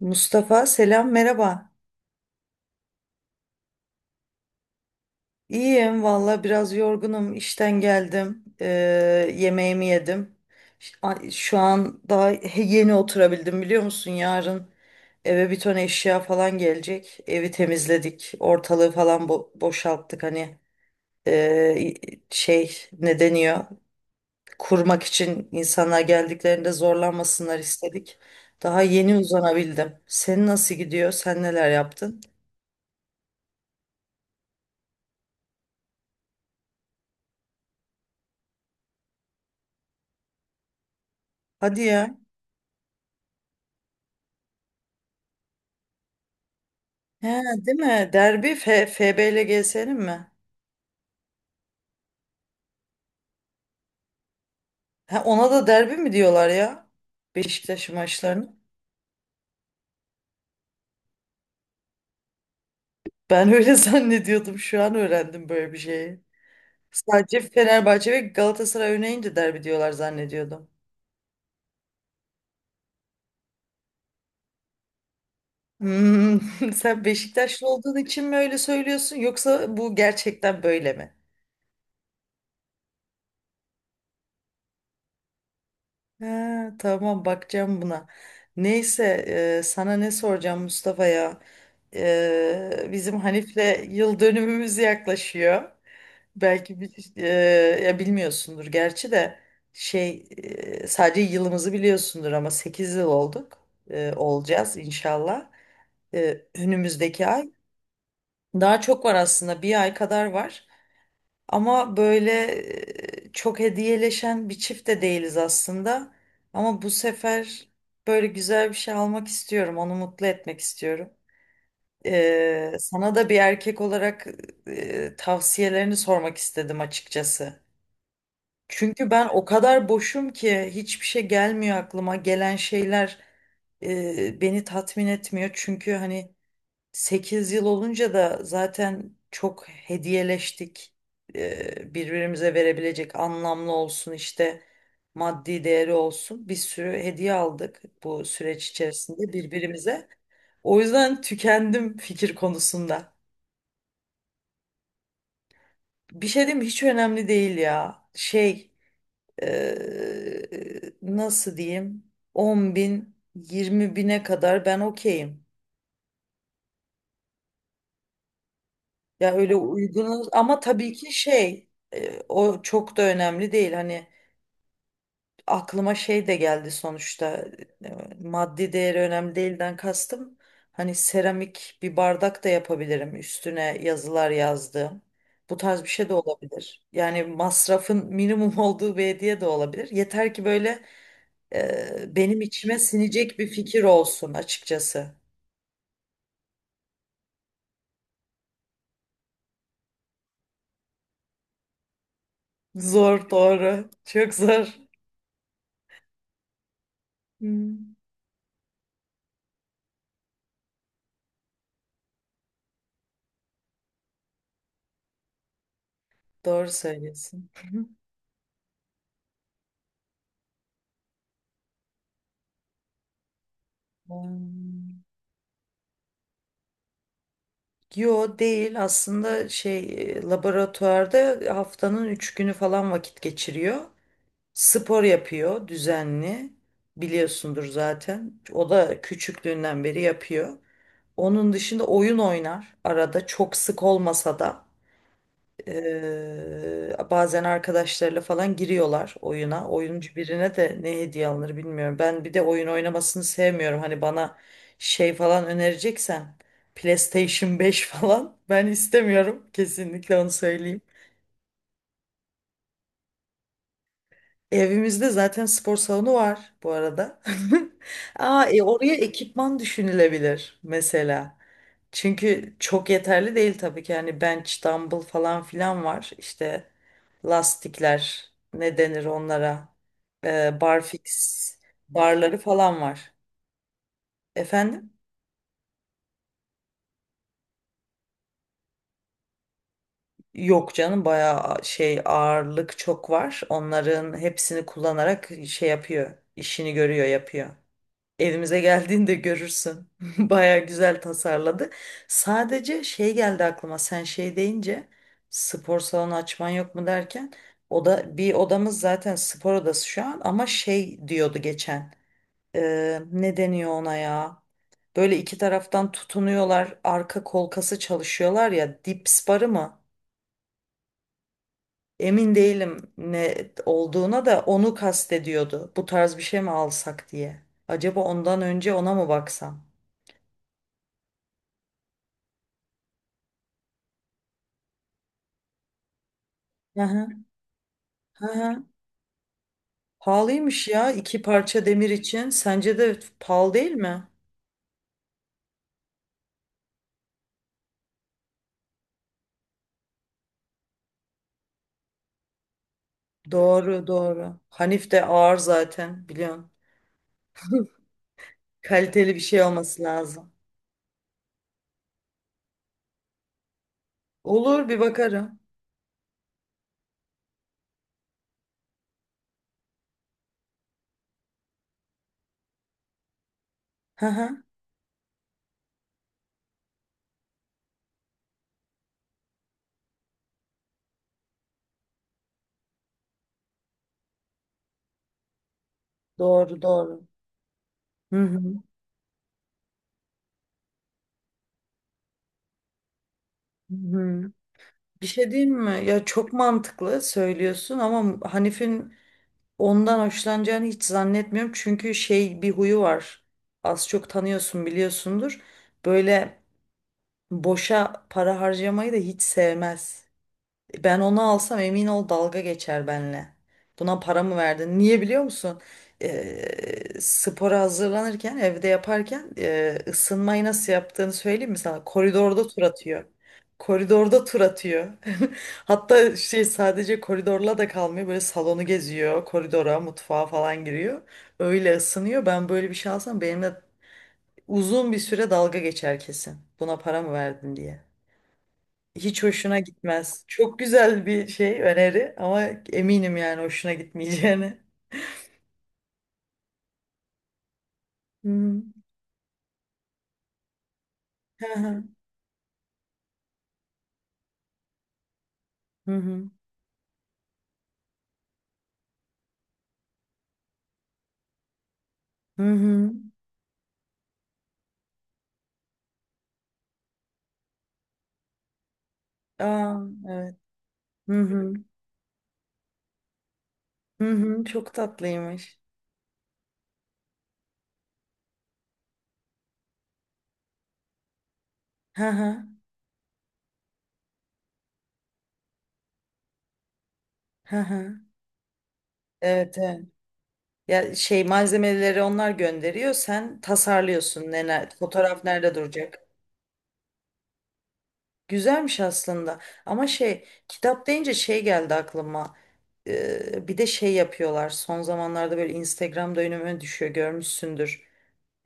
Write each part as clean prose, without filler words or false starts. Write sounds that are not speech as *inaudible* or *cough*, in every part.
Mustafa selam merhaba. İyiyim valla, biraz yorgunum, işten geldim. Yemeğimi yedim. Şu an daha yeni oturabildim, biliyor musun? Yarın eve bir ton eşya falan gelecek. Evi temizledik, ortalığı falan boşalttık, hani ee, şey, ne deniyor? Kurmak için insanlar geldiklerinde zorlanmasınlar istedik. Daha yeni uzanabildim. Senin nasıl gidiyor? Sen neler yaptın? Hadi ya. He, değil mi? Derbi FB ile GS'nin mi? Ha, ona da derbi mi diyorlar ya? Beşiktaş maçlarını. Ben öyle *laughs* zannediyordum. Şu an öğrendim böyle bir şeyi. Sadece Fenerbahçe ve Galatasaray oynayınca derbi diyorlar zannediyordum. Hmm, *laughs* sen Beşiktaşlı olduğun için mi öyle söylüyorsun, yoksa bu gerçekten böyle mi? Ha, tamam, bakacağım buna. Neyse, sana ne soracağım Mustafa ya. Bizim Hanif'le yıl dönümümüz yaklaşıyor. Belki bi- e, ya bilmiyorsundur gerçi de, şey sadece yılımızı biliyorsundur, ama 8 yıl olduk. Olacağız inşallah. Önümüzdeki ay. Daha çok var aslında, bir ay kadar var. Ama böyle, çok hediyeleşen bir çift de değiliz aslında. Ama bu sefer böyle güzel bir şey almak istiyorum. Onu mutlu etmek istiyorum. Sana da bir erkek olarak tavsiyelerini sormak istedim açıkçası. Çünkü ben o kadar boşum ki hiçbir şey gelmiyor aklıma. Gelen şeyler beni tatmin etmiyor. Çünkü hani 8 yıl olunca da zaten çok hediyeleştik. Birbirimize verebilecek, anlamlı olsun işte, maddi değeri olsun. Bir sürü hediye aldık bu süreç içerisinde birbirimize. O yüzden tükendim fikir konusunda. Bir şey diyeyim mi? Hiç önemli değil ya. Ee, nasıl diyeyim? 10 bin 20 bine kadar ben okeyim. Ya öyle uygunuz, ama tabii ki o çok da önemli değil. Hani aklıma şey de geldi sonuçta, maddi değeri önemli değilden kastım. Hani seramik bir bardak da yapabilirim, üstüne yazılar yazdığım. Bu tarz bir şey de olabilir. Yani masrafın minimum *laughs* olduğu bir hediye de olabilir. Yeter ki böyle, benim içime sinecek bir fikir olsun açıkçası. Zor, doğru. Çok zor. Hmm. Doğru söylüyorsun. *laughs* Hmm. Yo, değil aslında. Laboratuvarda haftanın üç günü falan vakit geçiriyor. Spor yapıyor düzenli, biliyorsundur zaten. O da küçüklüğünden beri yapıyor. Onun dışında oyun oynar, arada, çok sık olmasa da. Bazen arkadaşlarıyla falan giriyorlar oyuna. Oyuncu birine de ne hediye alınır bilmiyorum. Ben bir de oyun oynamasını sevmiyorum. Hani bana şey falan önereceksen, PlayStation 5 *laughs* falan ben istemiyorum. Kesinlikle onu söyleyeyim. Evimizde zaten spor salonu var bu arada. *laughs* Aa, oraya ekipman düşünülebilir mesela. Çünkü çok yeterli değil tabii ki. Yani bench, dumbbell falan filan var. İşte lastikler, ne denir onlara? Barfix, barları falan var. Efendim? Yok canım, bayağı şey ağırlık çok var. Onların hepsini kullanarak şey yapıyor, işini görüyor, yapıyor. Evimize geldiğinde görürsün. *laughs* Baya güzel tasarladı. Sadece şey geldi aklıma. Sen şey deyince, spor salonu açman yok mu derken, o da bir odamız zaten spor odası şu an, ama şey diyordu geçen. Ne deniyor ona ya? Böyle iki taraftan tutunuyorlar. Arka kolkası çalışıyorlar ya. Dips barı mı? Emin değilim ne olduğuna da, onu kastediyordu. Bu tarz bir şey mi alsak diye. Acaba ondan önce ona mı baksam? Hı hı. Hı hı. Pahalıymış ya, iki parça demir için. Sence de pahalı değil mi? Doğru doğru. Hanif de ağır zaten, biliyorsun. Kaliteli bir şey olması lazım. Olur, bir bakarım. Hı hı. Doğru doğru. Hı hı. Hı hı. Bir şey diyeyim mi? Ya çok mantıklı söylüyorsun, ama Hanif'in ondan hoşlanacağını hiç zannetmiyorum. Çünkü şey bir huyu var. Az çok tanıyorsun, biliyorsundur. Böyle boşa para harcamayı da hiç sevmez. Ben onu alsam, emin ol, dalga geçer benle. Buna para mı verdin? Niye biliyor musun? Spora hazırlanırken, evde yaparken, ısınmayı nasıl yaptığını söyleyeyim mi sana? Koridorda tur atıyor. Koridorda tur atıyor. *laughs* Hatta şey, sadece koridorla da kalmıyor. Böyle salonu geziyor. Koridora, mutfağa falan giriyor. Öyle ısınıyor. Ben böyle bir şey alsam, benimle uzun bir süre dalga geçer kesin. Buna para mı verdin diye. Hiç hoşuna gitmez. Çok güzel bir şey, öneri, ama eminim yani hoşuna gitmeyeceğini. Hı hı. Hı hı. Hı hı. Hı hı. Aa, evet. Hı hı. Hı hı. Çok tatlıymış. Hı hı. Hı hı. Evet, evet. Ya şey, malzemeleri onlar gönderiyor, sen tasarlıyorsun. Fotoğraf nerede duracak? Güzelmiş aslında, ama şey, kitap deyince şey geldi aklıma. Bir de şey yapıyorlar son zamanlarda, böyle Instagram'da önüme düşüyor, görmüşsündür.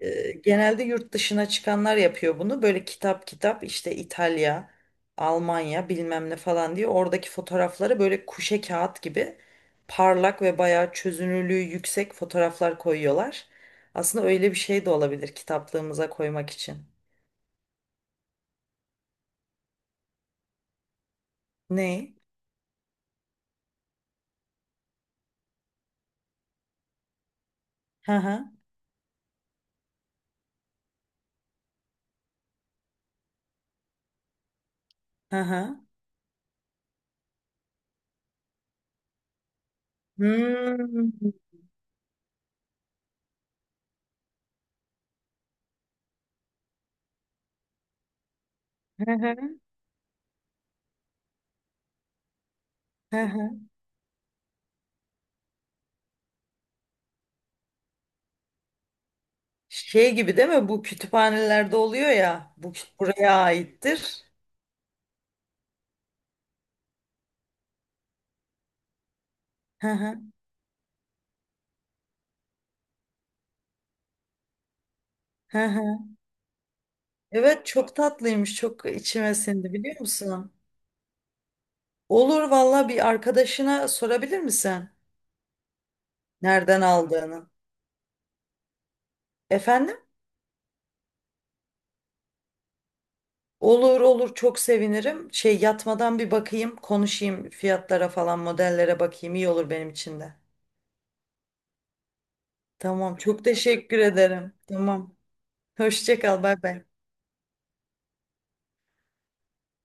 Genelde yurt dışına çıkanlar yapıyor bunu, böyle kitap kitap, işte İtalya, Almanya, bilmem ne falan diye, oradaki fotoğrafları böyle kuşe kağıt gibi parlak ve bayağı çözünürlüğü yüksek fotoğraflar koyuyorlar. Aslında öyle bir şey de olabilir, kitaplığımıza koymak için. Ne? Hı hı, hı hı. Hmm. Hı hı, hı hı. Şey gibi değil mi? Bu kütüphanelerde oluyor ya. Bu buraya aittir. Hı hı, hı hı. Evet, çok tatlıymış. Çok içime sindi, biliyor musun? Olur valla, bir arkadaşına sorabilir misin? Nereden aldığını. Efendim? Olur olur, çok sevinirim. Şey, yatmadan bir bakayım, konuşayım, fiyatlara falan, modellere bakayım. İyi olur benim için de. Tamam, çok teşekkür ederim. Tamam. Hoşça kal, bay bay.